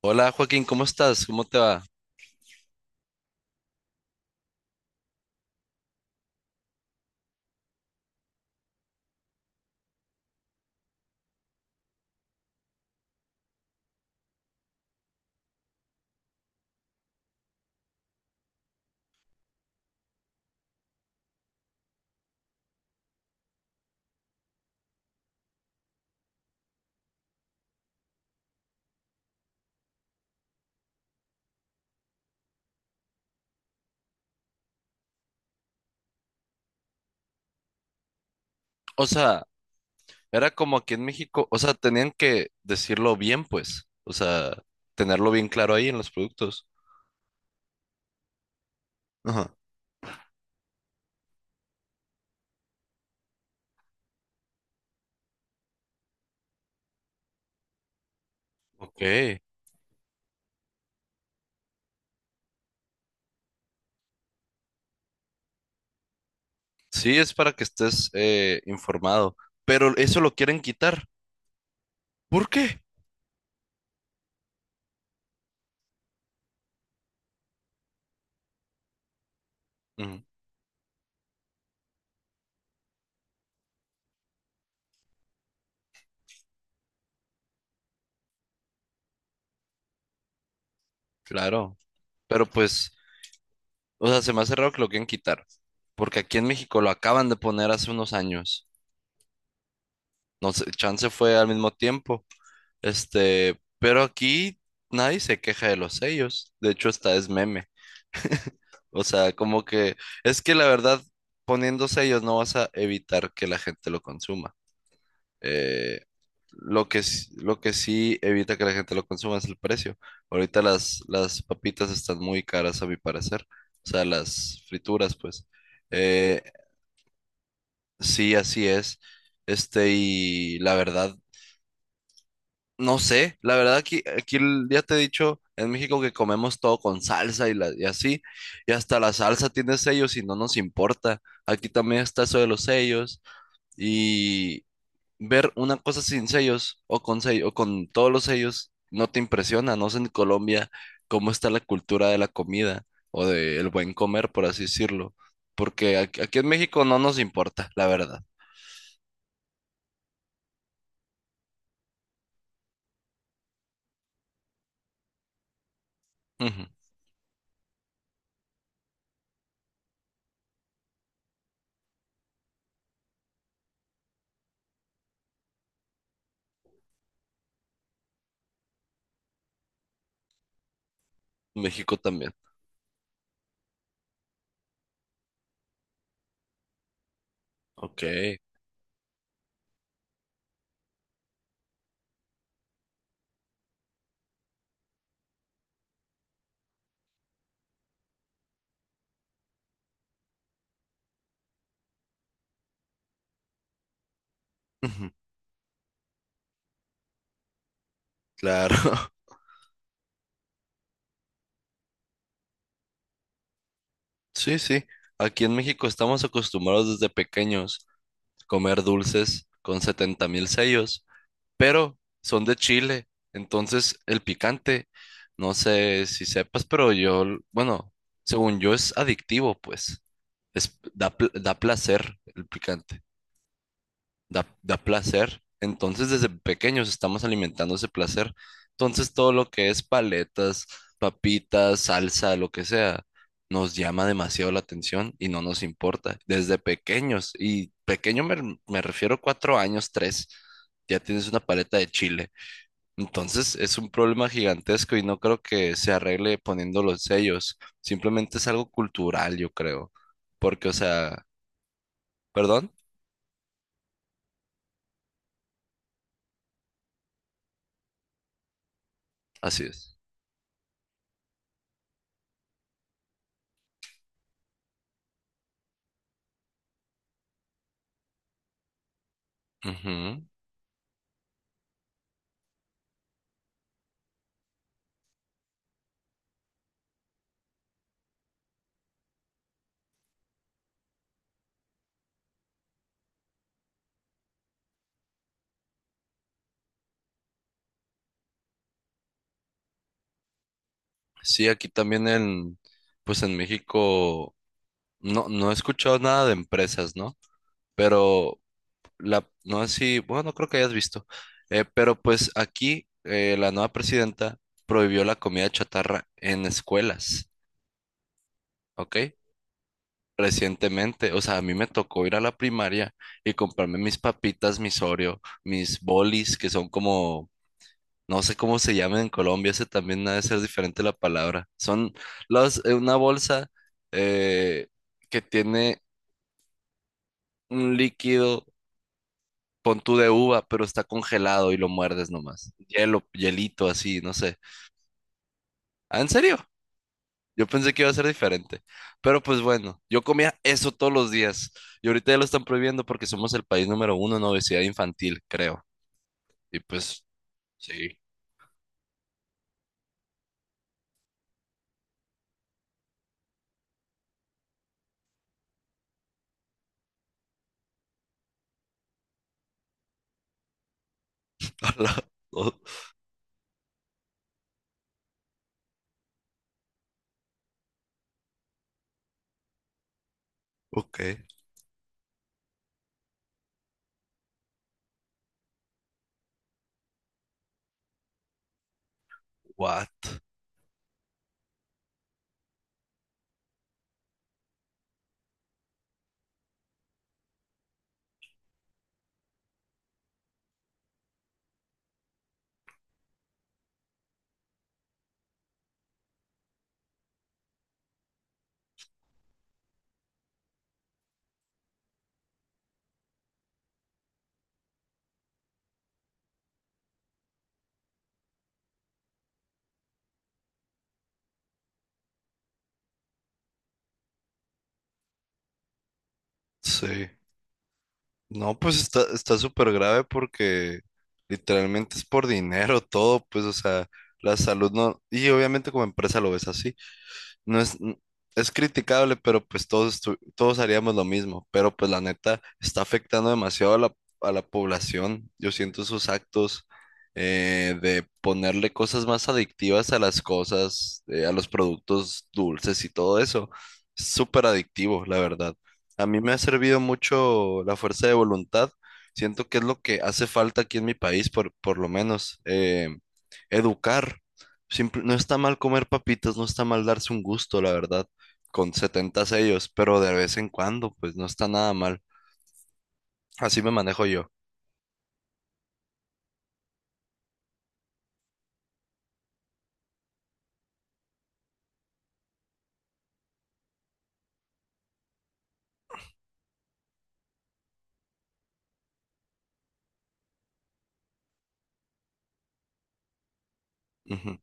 Hola Joaquín, ¿cómo estás? ¿Cómo te va? O sea, era como aquí en México, o sea, tenían que decirlo bien, pues, o sea, tenerlo bien claro ahí en los productos. Ajá. Ok. Sí, es para que estés, informado, pero eso lo quieren quitar. ¿Por qué? Mm, claro, pero pues, o sea, se me hace raro que lo quieran quitar, porque aquí en México lo acaban de poner hace unos años. No sé, chance fue al mismo tiempo, este, pero aquí nadie se queja de los sellos. De hecho, hasta es meme. O sea, como que es que la verdad, poniendo sellos no vas a evitar que la gente lo consuma. Eh, lo que sí evita que la gente lo consuma es el precio. Ahorita las papitas están muy caras a mi parecer. O sea, las frituras, pues. Eh, sí, así es. Este, y la verdad, no sé, la verdad aquí ya te he dicho en México que comemos todo con salsa y así, y hasta la salsa tiene sellos y no nos importa. Aquí también está eso de los sellos y ver una cosa sin sellos o con sello, o con todos los sellos no te impresiona. No sé en Colombia cómo está la cultura de la comida o del buen comer, por así decirlo, porque aquí en México no nos importa, la verdad. Ujú. México también. Ok. Ujú. Claro. Sí, sí. Aquí en México estamos acostumbrados desde pequeños a comer dulces con 70.000 sellos, pero son de Chile. Entonces, el picante, no sé si sepas, pero yo, bueno, según yo es adictivo, pues. Da placer el picante. Da placer. Entonces, desde pequeños estamos alimentando ese placer. Entonces, todo lo que es paletas, papitas, salsa, lo que sea, nos llama demasiado la atención y no nos importa. Desde pequeños, y pequeño me refiero a 4 años, tres, ya tienes una paleta de chile. Entonces, es un problema gigantesco y no creo que se arregle poniendo los sellos. Simplemente es algo cultural, yo creo. Porque, o sea, perdón, así es. Ujú. Sí, aquí también pues en México no, no he escuchado nada de empresas, ¿no? Pero no sé si, bueno, no creo que hayas visto, pero pues aquí la nueva presidenta prohibió la comida chatarra en escuelas, ¿ok? Recientemente, o sea, a mí me tocó ir a la primaria y comprarme mis papitas, mis Oreo, mis bolis, que son como, no sé cómo se llaman en Colombia, ese también ha de ser diferente la palabra. Son una bolsa eh, que tiene un líquido, pon tú de uva, pero está congelado y lo muerdes nomás. Hielo, hielito así, no sé. Ah, ¿en serio? Yo pensé que iba a ser diferente. Pero pues bueno, yo comía eso todos los días. Y ahorita ya lo están prohibiendo porque somos el país número uno en obesidad infantil, creo. Y pues, sí. Hola. Oh, ok. What? Sí. No, pues está súper grave porque literalmente es por dinero todo, pues, o sea, la salud no, y obviamente como empresa lo ves así no es, es criticable, pero pues todos haríamos lo mismo. Pero pues la neta está afectando demasiado a la población. Yo siento sus actos, de ponerle cosas más adictivas a las cosas, a los productos dulces y todo eso. Es súper adictivo, la verdad. A mí me ha servido mucho la fuerza de voluntad. Siento que es lo que hace falta aquí en mi país, por lo menos. Educar. No está mal comer papitas, no está mal darse un gusto, la verdad, con 70 sellos, pero de vez en cuando, pues no está nada mal. Así me manejo yo. Ujú.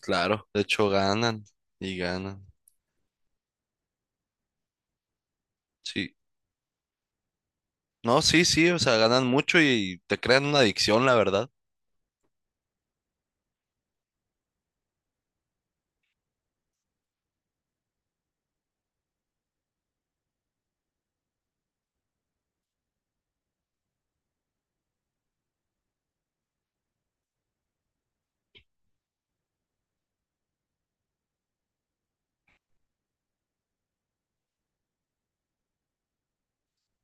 Claro, de hecho ganan y ganan. Sí. No, sí, sí, o sea, ganan mucho y te crean una adicción, la verdad.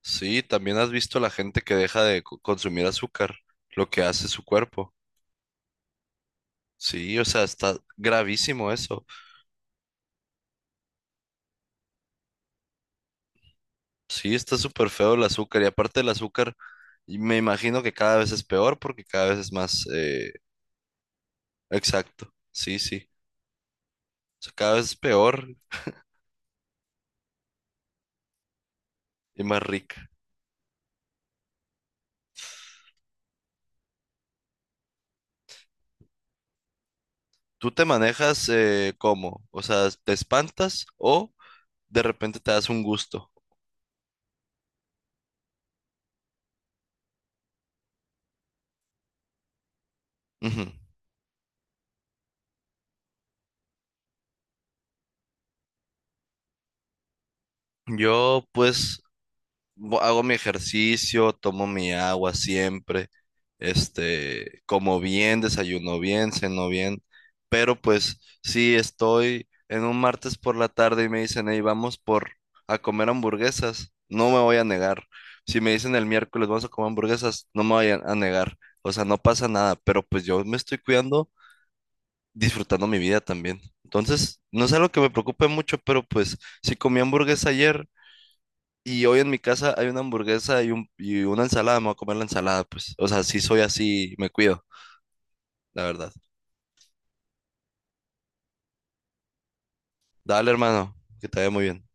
Sí, también has visto la gente que deja de consumir azúcar, lo que hace su cuerpo. Sí, o sea, está gravísimo eso. Sí, está súper feo el azúcar y aparte el azúcar, y me imagino que cada vez es peor porque cada vez es más. Exacto. Sí, sí. O sea, cada vez es peor y más rica. ¿Tú te manejas, cómo? O sea, ¿te espantas o de repente te das un gusto? Ujú. Yo pues hago mi ejercicio, tomo mi agua siempre, este, como bien, desayuno bien, ceno bien, pero pues sí estoy en un martes por la tarde y me dicen, hey, vamos por a comer hamburguesas, no me voy a negar. Si me dicen el miércoles vamos a comer hamburguesas, no me voy a negar. O sea, no pasa nada, pero pues yo me estoy cuidando, disfrutando mi vida también. Entonces, no es algo que me preocupe mucho, pero pues si comí hamburguesa ayer, y hoy en mi casa hay una hamburguesa y una ensalada, me voy a comer la ensalada, pues. O sea, sí soy así, me cuido, la verdad. Dale, hermano, que te vaya muy bien.